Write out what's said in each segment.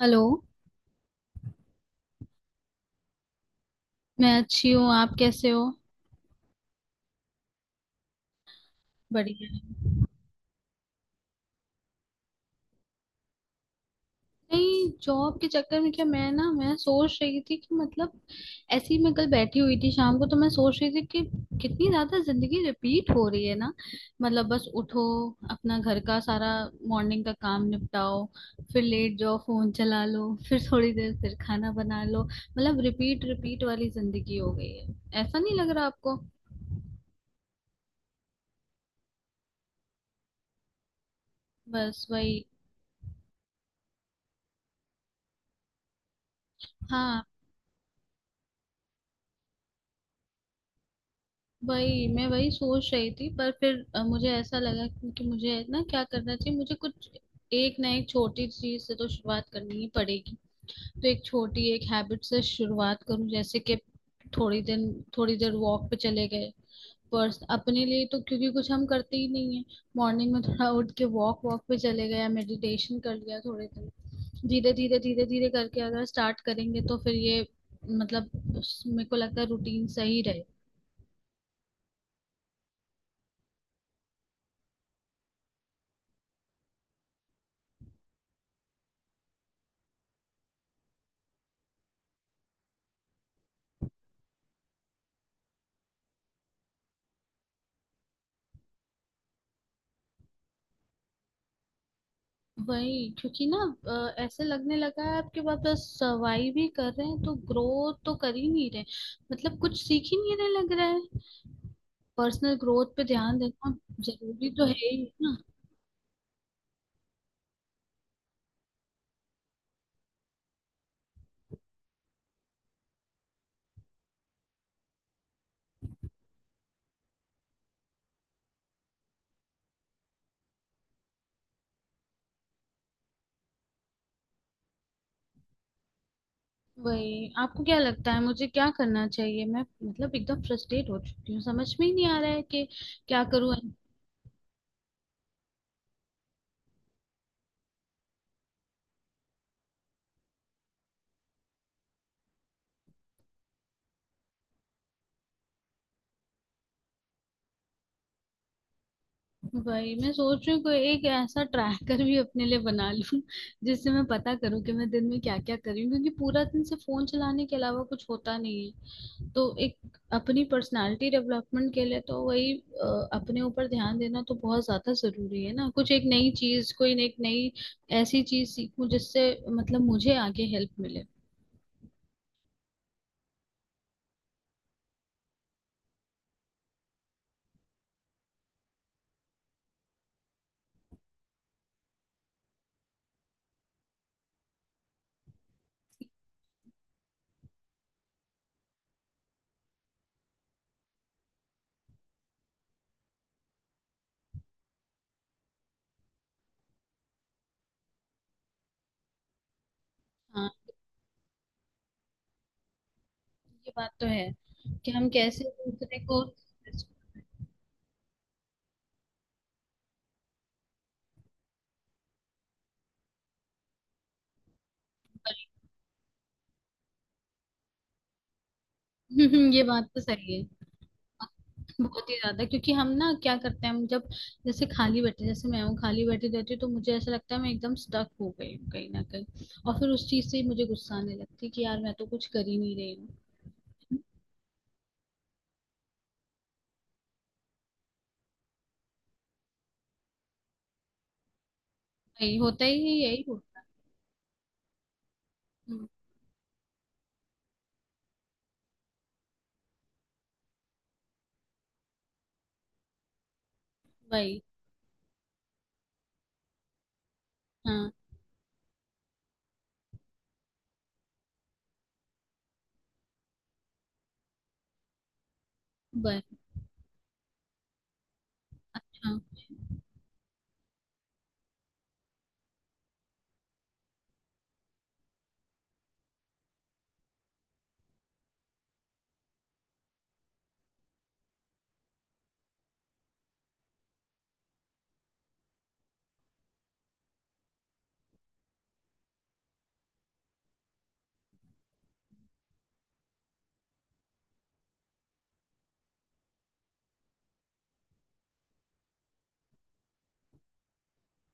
Hello. मैं अच्छी हूँ, आप कैसे हो? बढ़िया। नहीं, जॉब के चक्कर में क्या! मैं सोच रही थी कि मतलब ऐसे ही मैं कल बैठी हुई थी शाम को, तो मैं सोच रही थी कि कितनी ज्यादा जिंदगी रिपीट हो रही है ना। मतलब बस उठो, अपना घर का सारा मॉर्निंग का काम निपटाओ, फिर लेट जाओ, फोन चला लो फिर थोड़ी देर, फिर खाना बना लो। मतलब रिपीट रिपीट वाली जिंदगी हो गई है। ऐसा नहीं लग रहा आपको? बस वही। हाँ। वही मैं वही सोच रही थी, पर फिर मुझे ऐसा लगा कि मुझे ना क्या करना चाहिए, मुझे कुछ एक ना एक छोटी चीज से तो शुरुआत करनी ही पड़ेगी। तो एक छोटी एक हैबिट से शुरुआत करूं, जैसे कि थोड़ी दिन थोड़ी देर वॉक पे चले गए, पर्स अपने लिए, तो क्योंकि कुछ हम करते ही नहीं है। मॉर्निंग में थोड़ा उठ के वॉक वॉक पे चले गए या मेडिटेशन कर लिया थोड़े दिन। धीरे धीरे धीरे धीरे करके अगर स्टार्ट करेंगे तो फिर ये मतलब मेरे को लगता है रूटीन सही रहे। वही, क्योंकि ना ऐसे लगने लगा है आपके पास बस सर्वाइव ही कर रहे हैं, तो ग्रोथ तो कर ही नहीं रहे। मतलब कुछ सीख ही नहीं रहे लग रहा है। पर्सनल ग्रोथ पे ध्यान देना जरूरी तो है ही ना। वही, आपको क्या लगता है मुझे क्या करना चाहिए? मैं मतलब एकदम फ्रस्ट्रेट हो चुकी हूँ, समझ में ही नहीं आ रहा है कि क्या करूँ। वही मैं सोच रही हूँ कोई एक ऐसा ट्रैकर भी अपने लिए बना लूँ जिससे मैं पता करूँ कि मैं दिन में क्या क्या कर रही हूँ, क्योंकि पूरा दिन से फोन चलाने के अलावा कुछ होता नहीं है। तो एक अपनी पर्सनालिटी डेवलपमेंट के लिए तो वही अपने ऊपर ध्यान देना तो बहुत ज्यादा जरूरी है ना। कुछ एक नई चीज, कोई एक नई ऐसी चीज सीखूं जिससे मतलब मुझे आगे हेल्प मिले। हाँ, ये बात तो है कि हम कैसे दूसरे को। ये बात तो सही है। बहुत ही ज्यादा, क्योंकि हम ना क्या करते हैं, हम जब जैसे खाली बैठे, जैसे मैं हूँ खाली बैठी रहती हूँ, तो मुझे ऐसा लगता है मैं एकदम स्टक हो गई हूँ कहीं ना कहीं। और फिर उस चीज से ही मुझे गुस्सा आने लगती है कि यार मैं तो कुछ कर ही नहीं रही हूँ। वही होता ही है, यही होता है। हम्म। वही। हाँ। वही। अच्छा।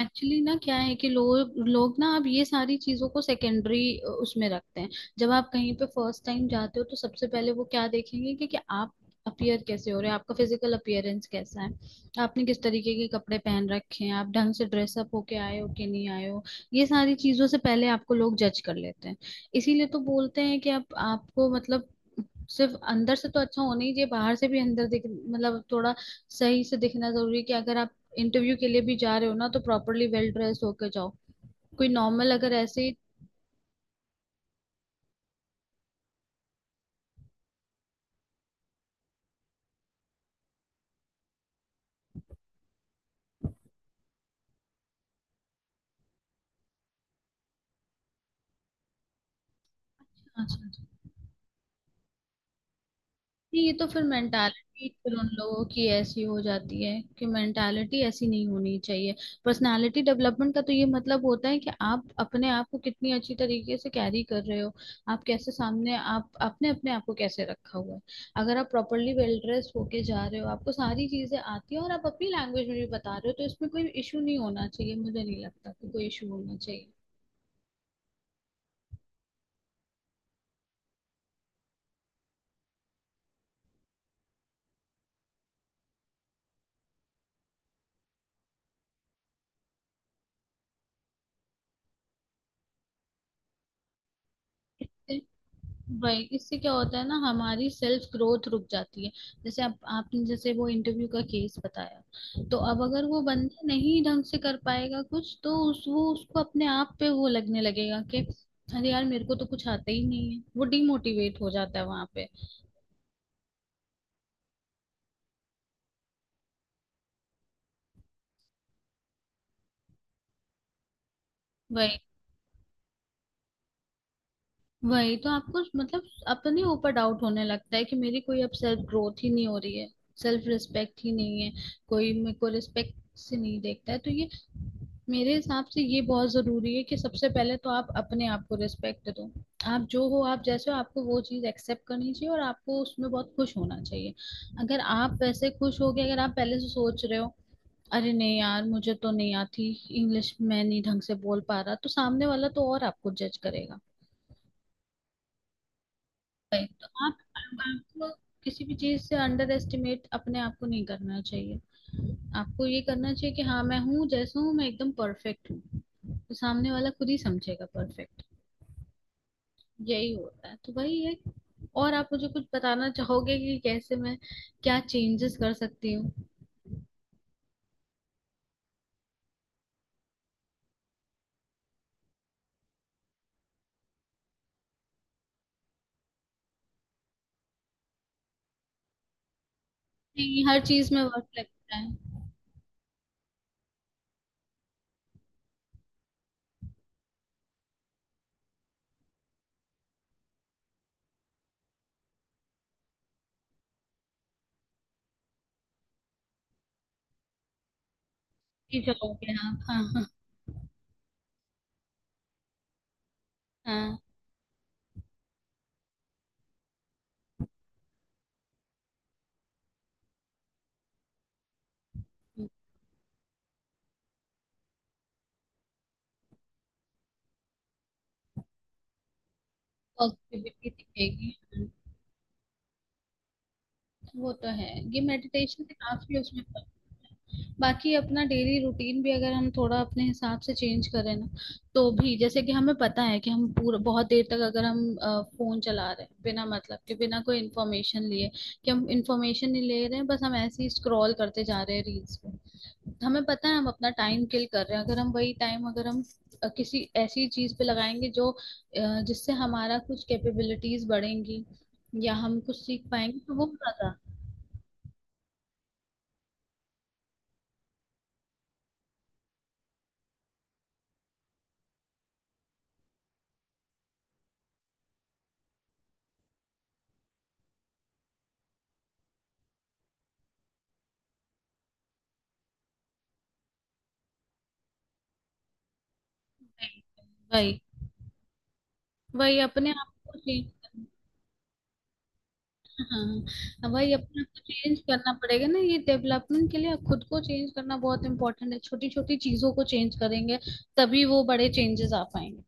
एक्चुअली ना क्या है कि लोग लोग ना अब ये सारी चीजों को सेकेंडरी उसमें रखते हैं। जब आप कहीं पे फर्स्ट टाइम जाते हो तो सबसे पहले वो क्या देखेंगे कि, आप अपियर कैसे हो रहे हो, आपका फिजिकल अपियरेंस कैसा है, आपने किस तरीके के कपड़े पहन रखे हैं, आप ढंग से ड्रेसअप होके आए हो कि नहीं आए हो। ये सारी चीजों से पहले आपको लोग जज कर लेते हैं। इसीलिए तो बोलते हैं कि आप आपको मतलब सिर्फ अंदर से तो अच्छा होना ही चाहिए, बाहर से भी अंदर दिख मतलब थोड़ा सही से दिखना जरूरी है कि अगर आप इंटरव्यू के लिए भी जा रहे हो ना, तो प्रॉपरली वेल ड्रेस होकर जाओ। कोई नॉर्मल अगर ऐसे ही। अच्छा अच्छा। नहीं, ये तो फिर मेंटालिटी फिर उन लोगों की ऐसी हो जाती है कि मेंटालिटी ऐसी नहीं होनी चाहिए। पर्सनालिटी डेवलपमेंट का तो ये मतलब होता है कि आप अपने आप को कितनी अच्छी तरीके से कैरी कर रहे हो, आप कैसे सामने आप आपने अपने आप को कैसे रखा हुआ है। अगर आप प्रॉपरली वेल ड्रेस होके जा रहे हो, आपको सारी चीजें आती है और आप अपनी लैंग्वेज में भी बता रहे हो, तो इसमें कोई इशू नहीं होना चाहिए, मुझे नहीं लगता कि कोई इशू होना चाहिए। राइट, इससे क्या होता है ना हमारी सेल्फ ग्रोथ रुक जाती है। जैसे आप आपने जैसे वो इंटरव्यू का केस बताया, तो अब अगर वो बंदा नहीं ढंग से कर पाएगा कुछ तो उस वो उसको अपने आप पे वो लगने लगेगा कि अरे यार मेरे को तो कुछ आता ही नहीं है, वो डिमोटिवेट हो जाता है वहां पे। वही। वही तो, आपको मतलब अपने ऊपर डाउट होने लगता है कि मेरी कोई अब सेल्फ ग्रोथ ही नहीं हो रही है, सेल्फ रिस्पेक्ट ही नहीं है, कोई मेरे को रिस्पेक्ट से नहीं देखता है। तो ये मेरे हिसाब से ये बहुत जरूरी है कि सबसे पहले तो आप अपने आप को रिस्पेक्ट दो। आप जो हो आप जैसे हो, आपको वो चीज एक्सेप्ट करनी चाहिए और आपको उसमें बहुत खुश होना चाहिए। अगर आप वैसे खुश हो गए, अगर आप पहले से सोच रहे हो अरे नहीं यार मुझे तो नहीं आती इंग्लिश, मैं नहीं ढंग से बोल पा रहा, तो सामने वाला तो और आपको जज करेगा। Right, तो आप आपको किसी भी चीज से अंडर एस्टिमेट अपने आप को नहीं करना चाहिए। आपको ये करना चाहिए कि हाँ, मैं हूँ जैसा हूँ मैं एकदम परफेक्ट हूँ, तो सामने वाला खुद ही समझेगा परफेक्ट। यही होता है, तो वही है। और आप मुझे कुछ बताना चाहोगे कि कैसे मैं क्या चेंजेस कर सकती हूँ? नहीं, हर चीज में वर्क लगता है। जी, चलोगे आप। हाँ हाँ। हाँ। पॉजिटिविटी दिखेगी। वो तो है, ये मेडिटेशन से काफी उसमें फर्क पड़ता है। बाकी अपना डेली रूटीन भी अगर हम थोड़ा अपने हिसाब से चेंज करें ना तो भी, जैसे कि हमें पता है कि हम पूरा बहुत देर तक अगर हम फोन चला रहे हैं बिना मतलब के, बिना कोई इन्फॉर्मेशन लिए कि हम इन्फॉर्मेशन नहीं ले रहे हैं, बस हम ऐसे ही स्क्रॉल करते जा रहे हैं रील्स पे, हमें पता है हम अपना टाइम किल कर रहे हैं। अगर हम वही टाइम अगर हम किसी ऐसी चीज पे लगाएंगे जो जिससे हमारा कुछ कैपेबिलिटीज बढ़ेंगी या हम कुछ सीख पाएंगे, तो वो ज्यादा। वही। वही अपने आप को चेंज करना हाँ, वही अपने आप को चेंज करना पड़ेगा ना, ये डेवलपमेंट के लिए खुद को चेंज करना बहुत इंपॉर्टेंट है। छोटी छोटी चीजों को चेंज करेंगे तभी वो बड़े चेंजेस आ पाएंगे।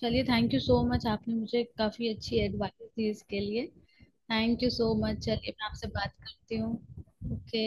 चलिए थैंक यू सो मच, आपने मुझे काफी अच्छी एडवाइस दी इसके लिए। थैंक यू सो मच, चलिए मैं आपसे बात करती हूँ। ओके।